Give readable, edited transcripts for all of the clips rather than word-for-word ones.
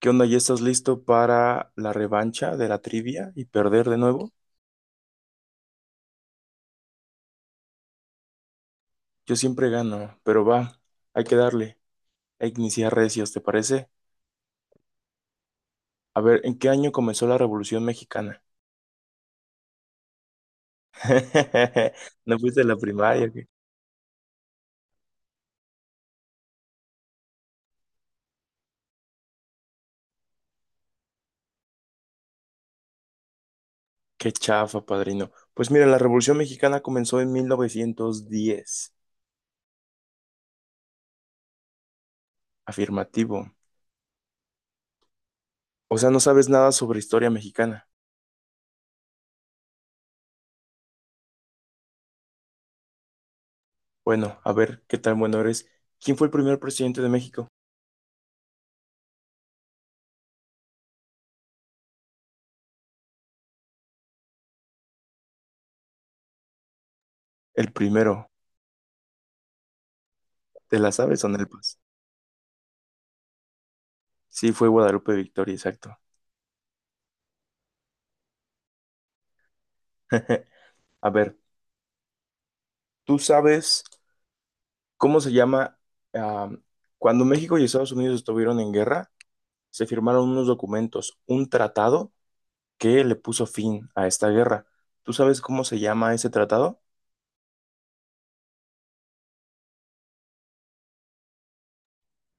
¿Qué onda? ¿Ya estás listo para la revancha de la trivia y perder de nuevo? Yo siempre gano, pero va, hay que darle, a que iniciar recios, ¿te parece? A ver, ¿en qué año comenzó la Revolución Mexicana? ¿No fuiste a la primaria? ¿Qué, qué chafa, padrino? Pues mira, la Revolución Mexicana comenzó en 1910. Afirmativo. O sea, no sabes nada sobre historia mexicana. Bueno, a ver, ¿qué tan bueno eres? ¿Quién fue el primer presidente de México? El primero. ¿Te la sabes o no? Sí, fue Guadalupe Victoria, exacto. A ver, ¿tú sabes cómo se llama? ah, Cuando México y Estados Unidos estuvieron en guerra, se firmaron unos documentos, un tratado que le puso fin a esta guerra. ¿Tú sabes cómo se llama ese tratado?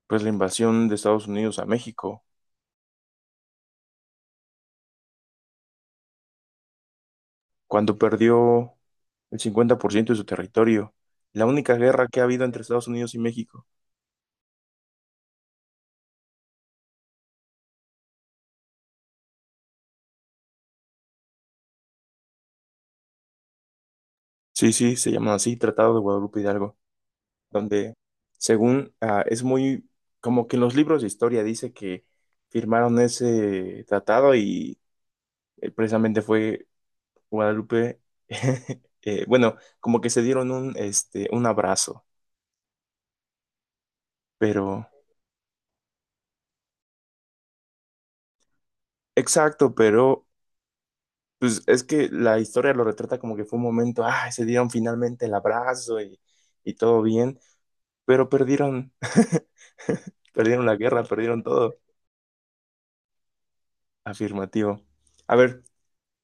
Pues la invasión de Estados Unidos a México, cuando perdió el 50% de su territorio. La única guerra que ha habido entre Estados Unidos y México. Sí, sí, se llama así, Tratado de Guadalupe Hidalgo. Donde según es muy, como que en los libros de historia dice que firmaron ese tratado y precisamente fue Guadalupe, bueno, como que se dieron un, este, un abrazo, pero, exacto, pero pues es que la historia lo retrata como que fue un momento, ah, se dieron finalmente el abrazo y todo bien, pero perdieron, perdieron la guerra, perdieron todo, afirmativo. A ver.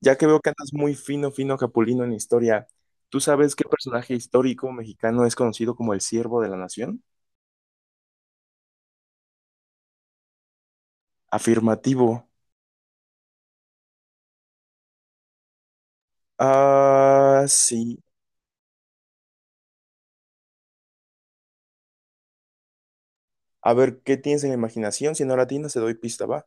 Ya que veo que andas muy fino, fino capulino en historia, ¿tú sabes qué personaje histórico mexicano es conocido como el siervo de la nación? Afirmativo. Ah, sí. A ver, ¿qué tienes en la imaginación? Si no la tienes, te doy pista, va.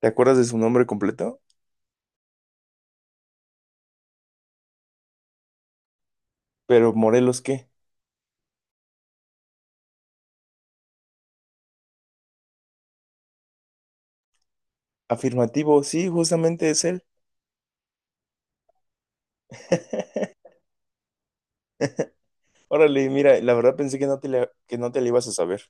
¿Te acuerdas de su nombre completo? Pero Morelos, ¿qué? Afirmativo, sí, justamente es él. Órale, mira, la verdad pensé que no te la, que no te la ibas a saber.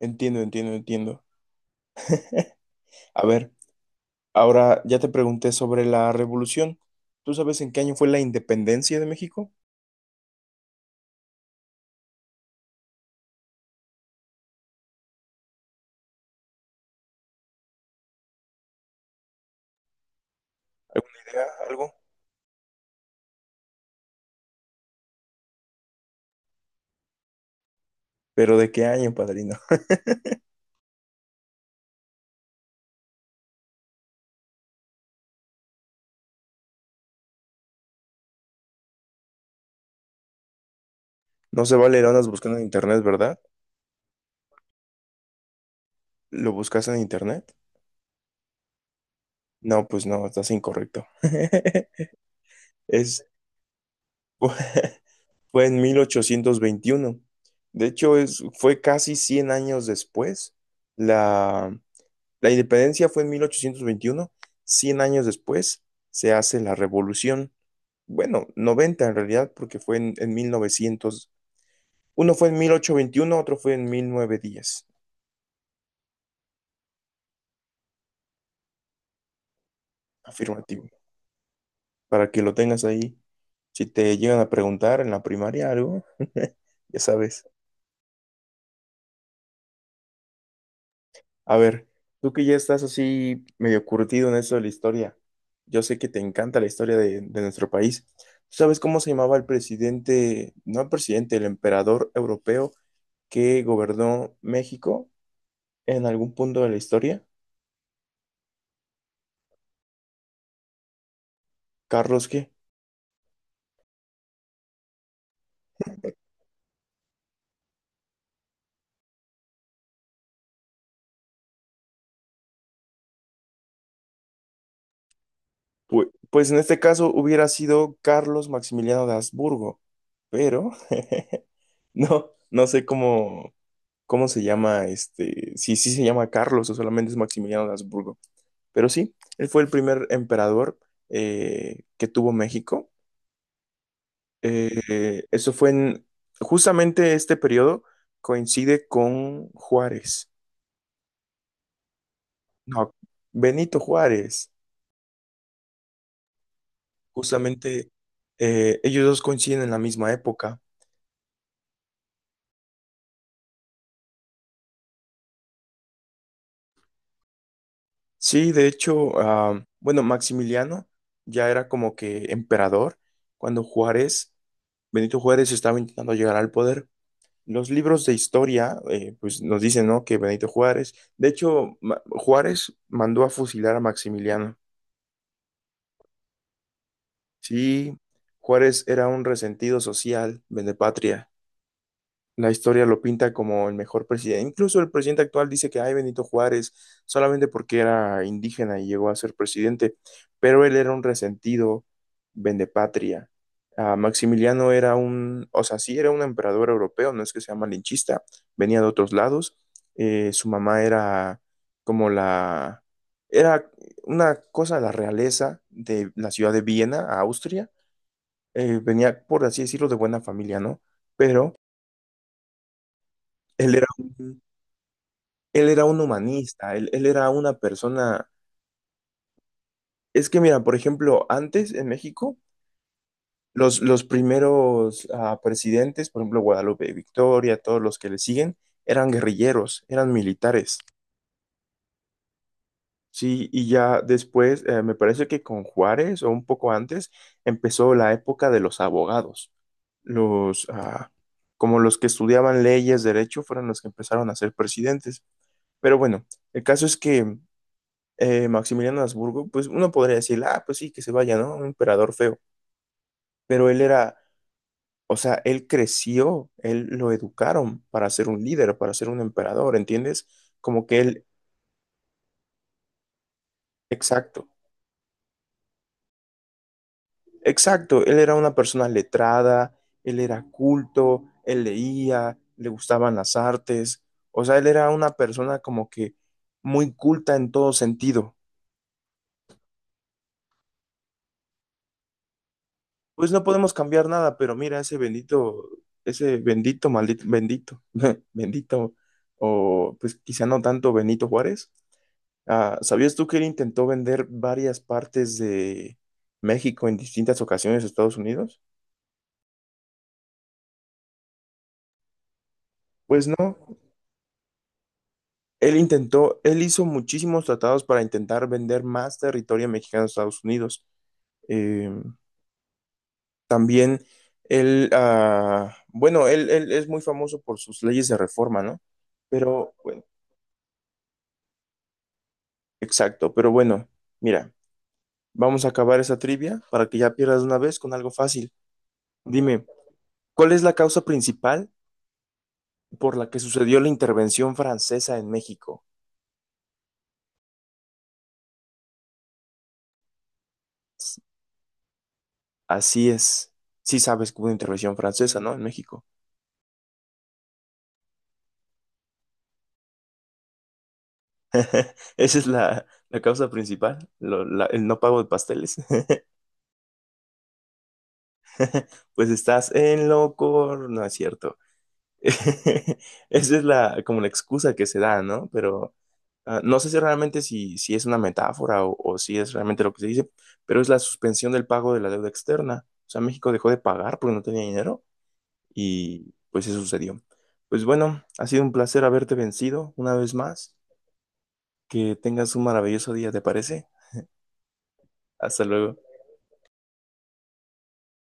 Entiendo, entiendo, entiendo. A ver. Ahora, ya te pregunté sobre la revolución. ¿Tú sabes en qué año fue la independencia de México? ¿Idea? ¿Algo? ¿Pero de qué año, padrino? No se vale, lo andas buscando en internet, ¿verdad? ¿Lo buscas en internet? No, pues no, estás incorrecto. Es, fue fue en 1821. De hecho, es, fue casi 100 años después. La, la independencia fue en 1821. 100 años después se hace la revolución. Bueno, 90 en realidad, porque fue en 1900. Uno fue en 1821, otro fue en 1910. Afirmativo. Para que lo tengas ahí. Si te llegan a preguntar en la primaria algo, ya sabes. A ver, tú que ya estás así medio curtido en eso de la historia. Yo sé que te encanta la historia de nuestro país. ¿Tú sabes cómo se llamaba el presidente, no el presidente, el emperador europeo que gobernó México en algún punto de la historia? ¿Carlos qué? Pu- Pues en este caso hubiera sido Carlos Maximiliano de Habsburgo, pero no, no sé cómo, cómo se llama este, si sí se llama Carlos o solamente es Maximiliano de Habsburgo, pero sí, él fue el primer emperador que tuvo México. Eso fue en, justamente este periodo coincide con Juárez, no, Benito Juárez, justamente ellos dos coinciden en la misma época. Sí, de hecho, ah, bueno, Maximiliano ya era como que emperador cuando Juárez, Benito Juárez estaba intentando llegar al poder. Los libros de historia, pues nos dicen, ¿no? Que Benito Juárez, de hecho, Ma- Juárez mandó a fusilar a Maximiliano. Sí, Juárez era un resentido social, patria. La historia lo pinta como el mejor presidente. Incluso el presidente actual dice que, ay, Benito Juárez, solamente porque era indígena y llegó a ser presidente, pero él era un resentido, vendepatria. Ah, Maximiliano era un, o sea, sí era un emperador europeo, no es que sea malinchista, venía de otros lados. Su mamá era como la, era una cosa de la realeza de la ciudad de Viena, a Austria. Venía, por así decirlo, de buena familia, ¿no? Pero él era un... Él era un humanista, él era una persona... Es que mira, por ejemplo, antes en México, los primeros ah, presidentes, por ejemplo, Guadalupe Victoria, todos los que le siguen, eran guerrilleros, eran militares. Sí, y ya después, me parece que con Juárez o un poco antes, empezó la época de los abogados. Los, ah, como los que estudiaban leyes, derecho, fueron los que empezaron a ser presidentes. Pero bueno, el caso es que Maximiliano Habsburgo, pues uno podría decir, ah, pues sí, que se vaya, ¿no? Un emperador feo. Pero él era, o sea, él creció, él lo educaron para ser un líder, para ser un emperador, ¿entiendes? Como que él, exacto, exacto, él era una persona letrada, él era culto, él leía, le gustaban las artes, o sea, él era una persona como que muy culta en todo sentido. Pues no podemos cambiar nada, pero mira, ese bendito, maldito, bendito, bendito, o pues quizá no tanto Benito Juárez. Ah, ¿sabías tú que él intentó vender varias partes de México en distintas ocasiones a Estados Unidos? Pues no, él intentó, él hizo muchísimos tratados para intentar vender más territorio mexicano a Estados Unidos. Eh, También él, ah, bueno, él es muy famoso por sus leyes de reforma, ¿no? Pero bueno, exacto, pero bueno, mira, vamos a acabar esa trivia para que ya pierdas de una vez con algo fácil. Dime, ¿cuál es la causa principal por la que sucedió la intervención francesa en México? Así es, sí sabes que hubo una intervención francesa, ¿no? En México. Esa es la, la causa principal, lo- la- el no pago de pasteles. Pues estás en loco, no es cierto. Esa es la, como la excusa que se da, ¿no? Pero no sé si realmente si, si es una metáfora o si es realmente lo que se dice, pero es la suspensión del pago de la deuda externa. O sea, México dejó de pagar porque no tenía dinero y pues eso sucedió. Pues bueno, ha sido un placer haberte vencido una vez más. Que tengas un maravilloso día, ¿te parece? Hasta luego.